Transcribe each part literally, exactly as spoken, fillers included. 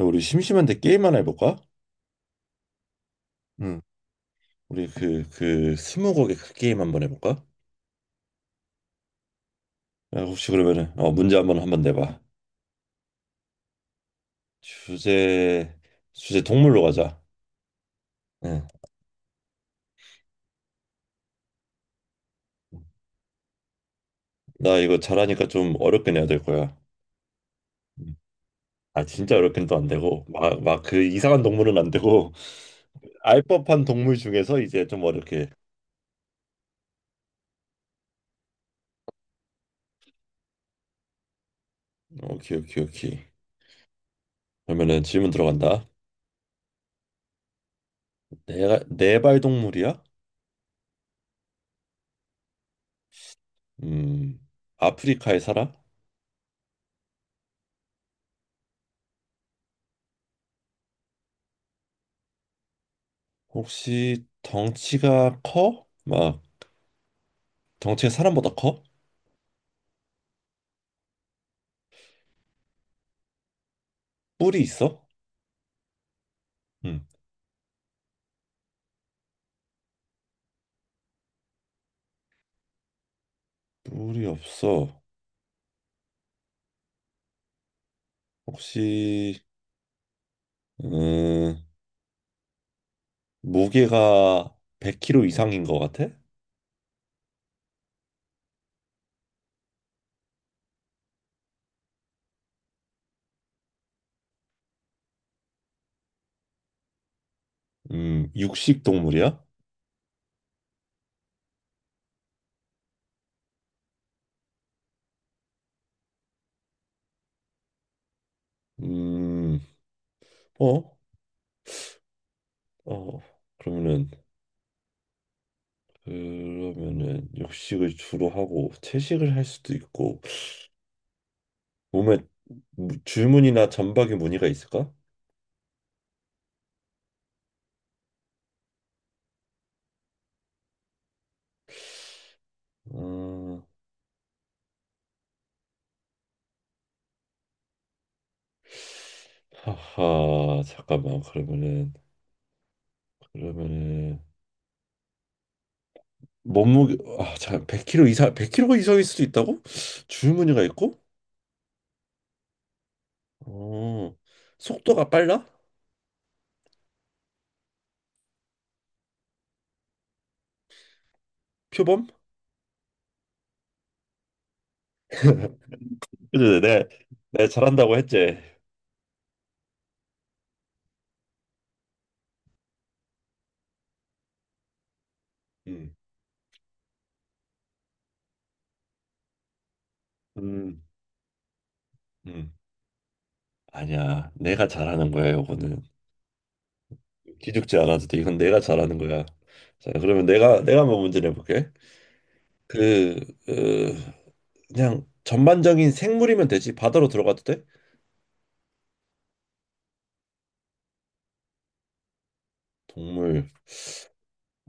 야, 우리 심심한데 게임 하나 해볼까? 응. 우리 그, 그, 스무고개 그 게임 한번 해볼까? 야, 혹시 그러면은, 어, 문제 한번 한번 내봐. 주제, 주제 동물로 가자. 응. 나 이거 잘하니까 좀 어렵게 내야 될 거야. 응. 아, 진짜 어렵긴 또 안 되고, 막, 막 그 이상한 동물은 안 되고, 알 법한 동물 중에서 이제 좀 어렵게. 오케이, 오케이, 오케이. 그러면은 질문 들어간다. 내가, 네발 동물이야? 음, 아프리카에 살아? 혹시 덩치가 커? 막 덩치가 사람보다 커? 뿔이 있어? 응. 뿔이 없어. 혹시 음, 무게가 백 킬로그램 이상인 것 같아? 음, 육식 동물이야? 음, 어? 어. 그러면은 그러면은 육식을 주로 하고 채식을 할 수도 있고 몸에 무- 줄무늬나 점박이 무늬가 있을까? 음... 하하 잠깐만 그러면은 그러면은 몸무게 아자 백 킬로그램 이상 백 킬로그램 이상일 수도 있다고? 줄무늬가 있고? 어 속도가 빨라? 표범? 그래 내가 내가 잘한다고 했지. 음, 음, 음. 아니야, 내가 잘하는 거야 요거는. 기죽지 않아도 돼, 이건 내가 잘하는 거야. 자, 그러면 내가 내가 한번 문제 내볼게. 그, 그 그냥 전반적인 생물이면 되지, 바다로 들어가도 돼? 동물.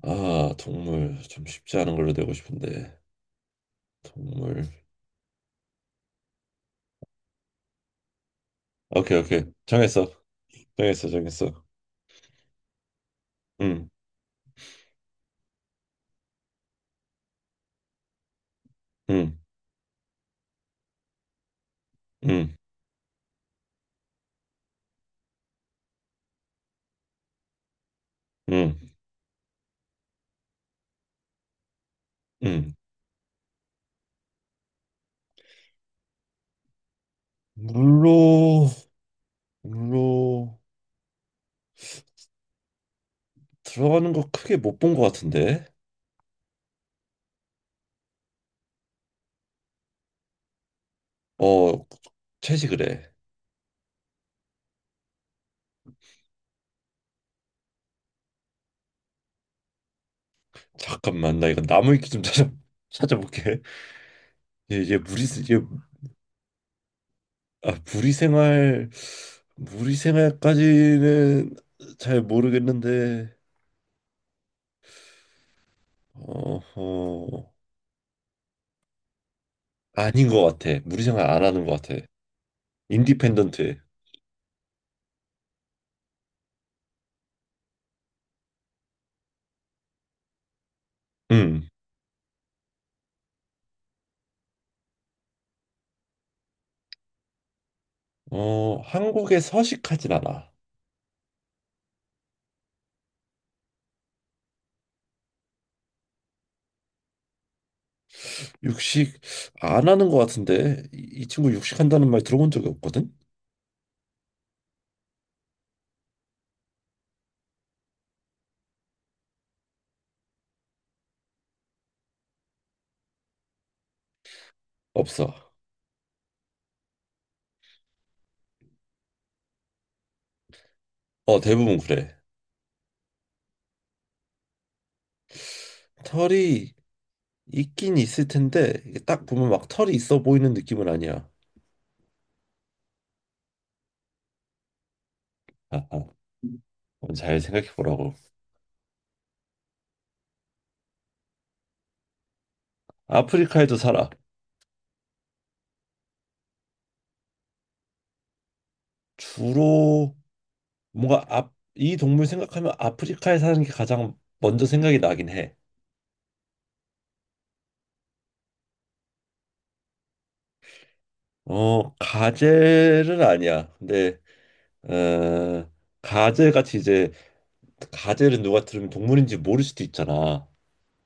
아, 동물 좀 쉽지 않은 걸로 내고 싶은데. 동물. 오케이, 오케이. 정했어. 정했어, 정했어. 응, 응, 응, 응, 응. 물로 물로 들어가는 거 크게 못 본 것 같은데. 어, 채식을 해. 잠깐만, 나 이거 나무 위키 좀 찾아 찾아볼게. 얘, 얘 무리 얘, 아, 무리 생활 무리 생활까지는 잘 모르겠는데. 어허. 아닌 것 같아. 무리 생활 안 하는 것 같아. 인디펜던트해. 음. 어, 한국에 서식하진 않아. 육식 안 하는 것 같은데 이, 이 친구 육식한다는 말 들어본 적이 없거든? 없어. 어, 대부분 그래. 털이 있긴 있을 텐데 이게 딱 보면 막 털이 있어 보이는 느낌은 아니야. 아하. 한번 잘 생각해 보라고. 아프리카에도 살아. 주로 뭔가 앞, 이 동물 생각하면 아프리카에 사는 게 가장 먼저 생각이 나긴 해. 어, 가젤은 아니야. 근데 어, 가젤 같이 이제 가젤은 누가 들으면 동물인지 모를 수도 있잖아.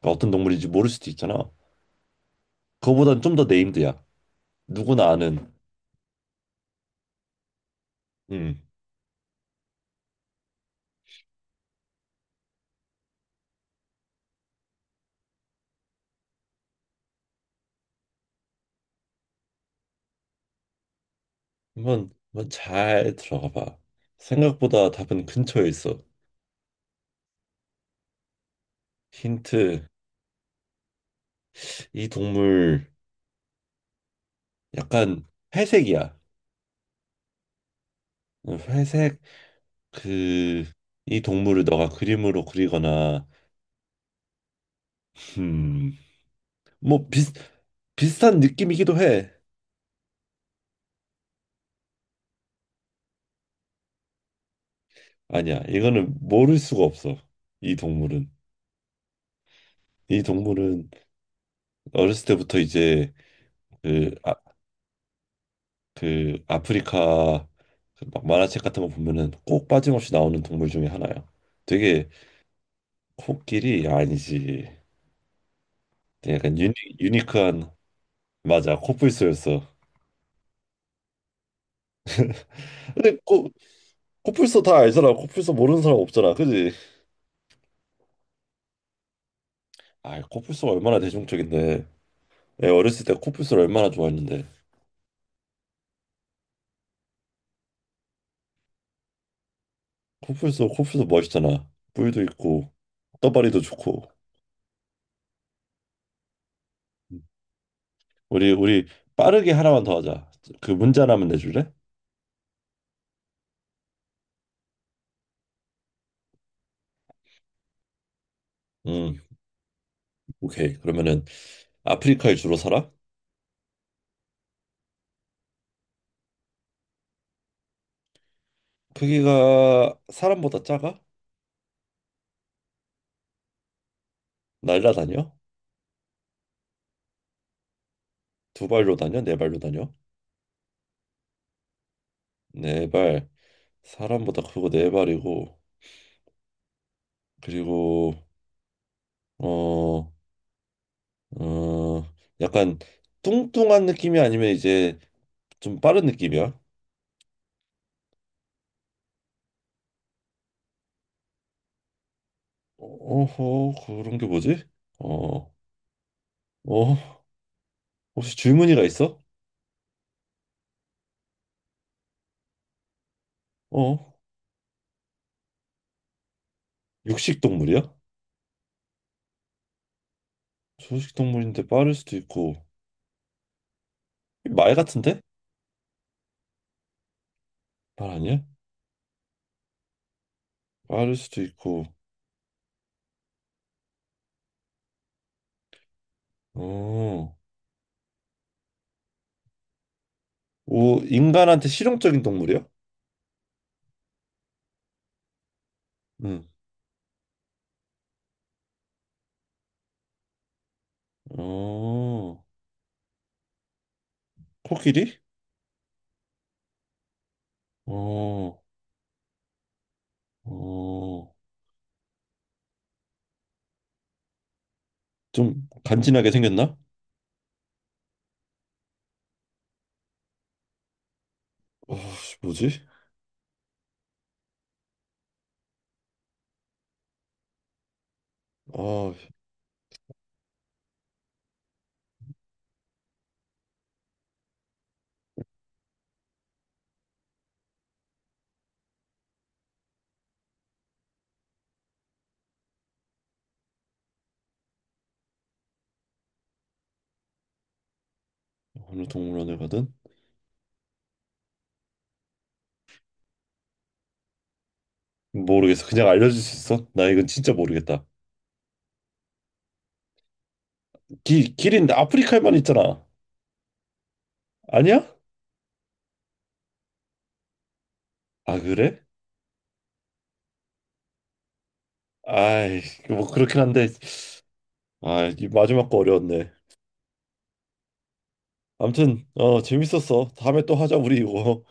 그러니까 어떤 동물인지 모를 수도 있잖아. 그거보단 좀 더 네임드야. 누구나 아는. 음. 한번 한번 잘 들어가 봐. 생각보다 답은 근처에 있어. 힌트. 이 동물 약간 회색이야. 음, 회색. 그 이 동물을 너가 그림으로 그리거나. 음, 뭐 비슷 비슷한 느낌이기도 해. 아니야. 이거는 모를 수가 없어. 이 동물은. 이 동물은 어렸을 때부터 이제 그, 아, 그 아프리카 그막 만화책 같은 거 보면은 꼭 빠짐없이 나오는 동물 중에 하나야. 되게. 코끼리 아니지. 되게 약간 유니, 유니크한. 맞아, 코뿔소였어. 근데 코, 코뿔소 다 알잖아. 코뿔소 모르는 사람 없잖아, 그지? 아, 코뿔소가 얼마나 대중적인데. 내가 어렸을 때 코뿔소를 얼마나 좋아했는데. 코뿔소, 코뿔소 멋있잖아. 뿔도 있고 떠다리도 좋고. 우리 우리 빠르게 하나만 더 하자. 그 문제 하나만 내줄래? 음, 오케이. 그러면은 아프리카에 주로 살아? 크기가 사람보다 작아? 날라다녀? 두 발로 다녀? 네 발로 다녀? 네 발. 사람보다 크고 네 발이고 그리고 어, 어, 약간 뚱뚱한 느낌이 아니면 이제 좀 빠른 느낌이야? 어허, 그런 게 뭐지? 어, 어, 혹시 줄무늬가 있어? 어, 육식 동물이야? 초식 동물인데 빠를 수도 있고 말 같은데? 말 아니야? 빠를 수도 있고. 어. 오, 인간한테 실용적인 동물이야? 응. 어. 코끼리? 어. 어. 좀 간지나게 생겼나? 아, 씨, 뭐지? 아, 어느 동물원에 가든 모르겠어. 그냥 알려줄 수 있어? 나 이건 진짜 모르겠다. 기, 길인데 아프리카에만 있잖아. 아니야? 아, 그래? 아이, 뭐 그렇긴 한데. 아, 이 마지막 거 어려웠네. 아무튼 어 재밌었어. 다음에 또 하자 우리 이거.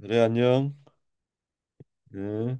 그래, 안녕. 응.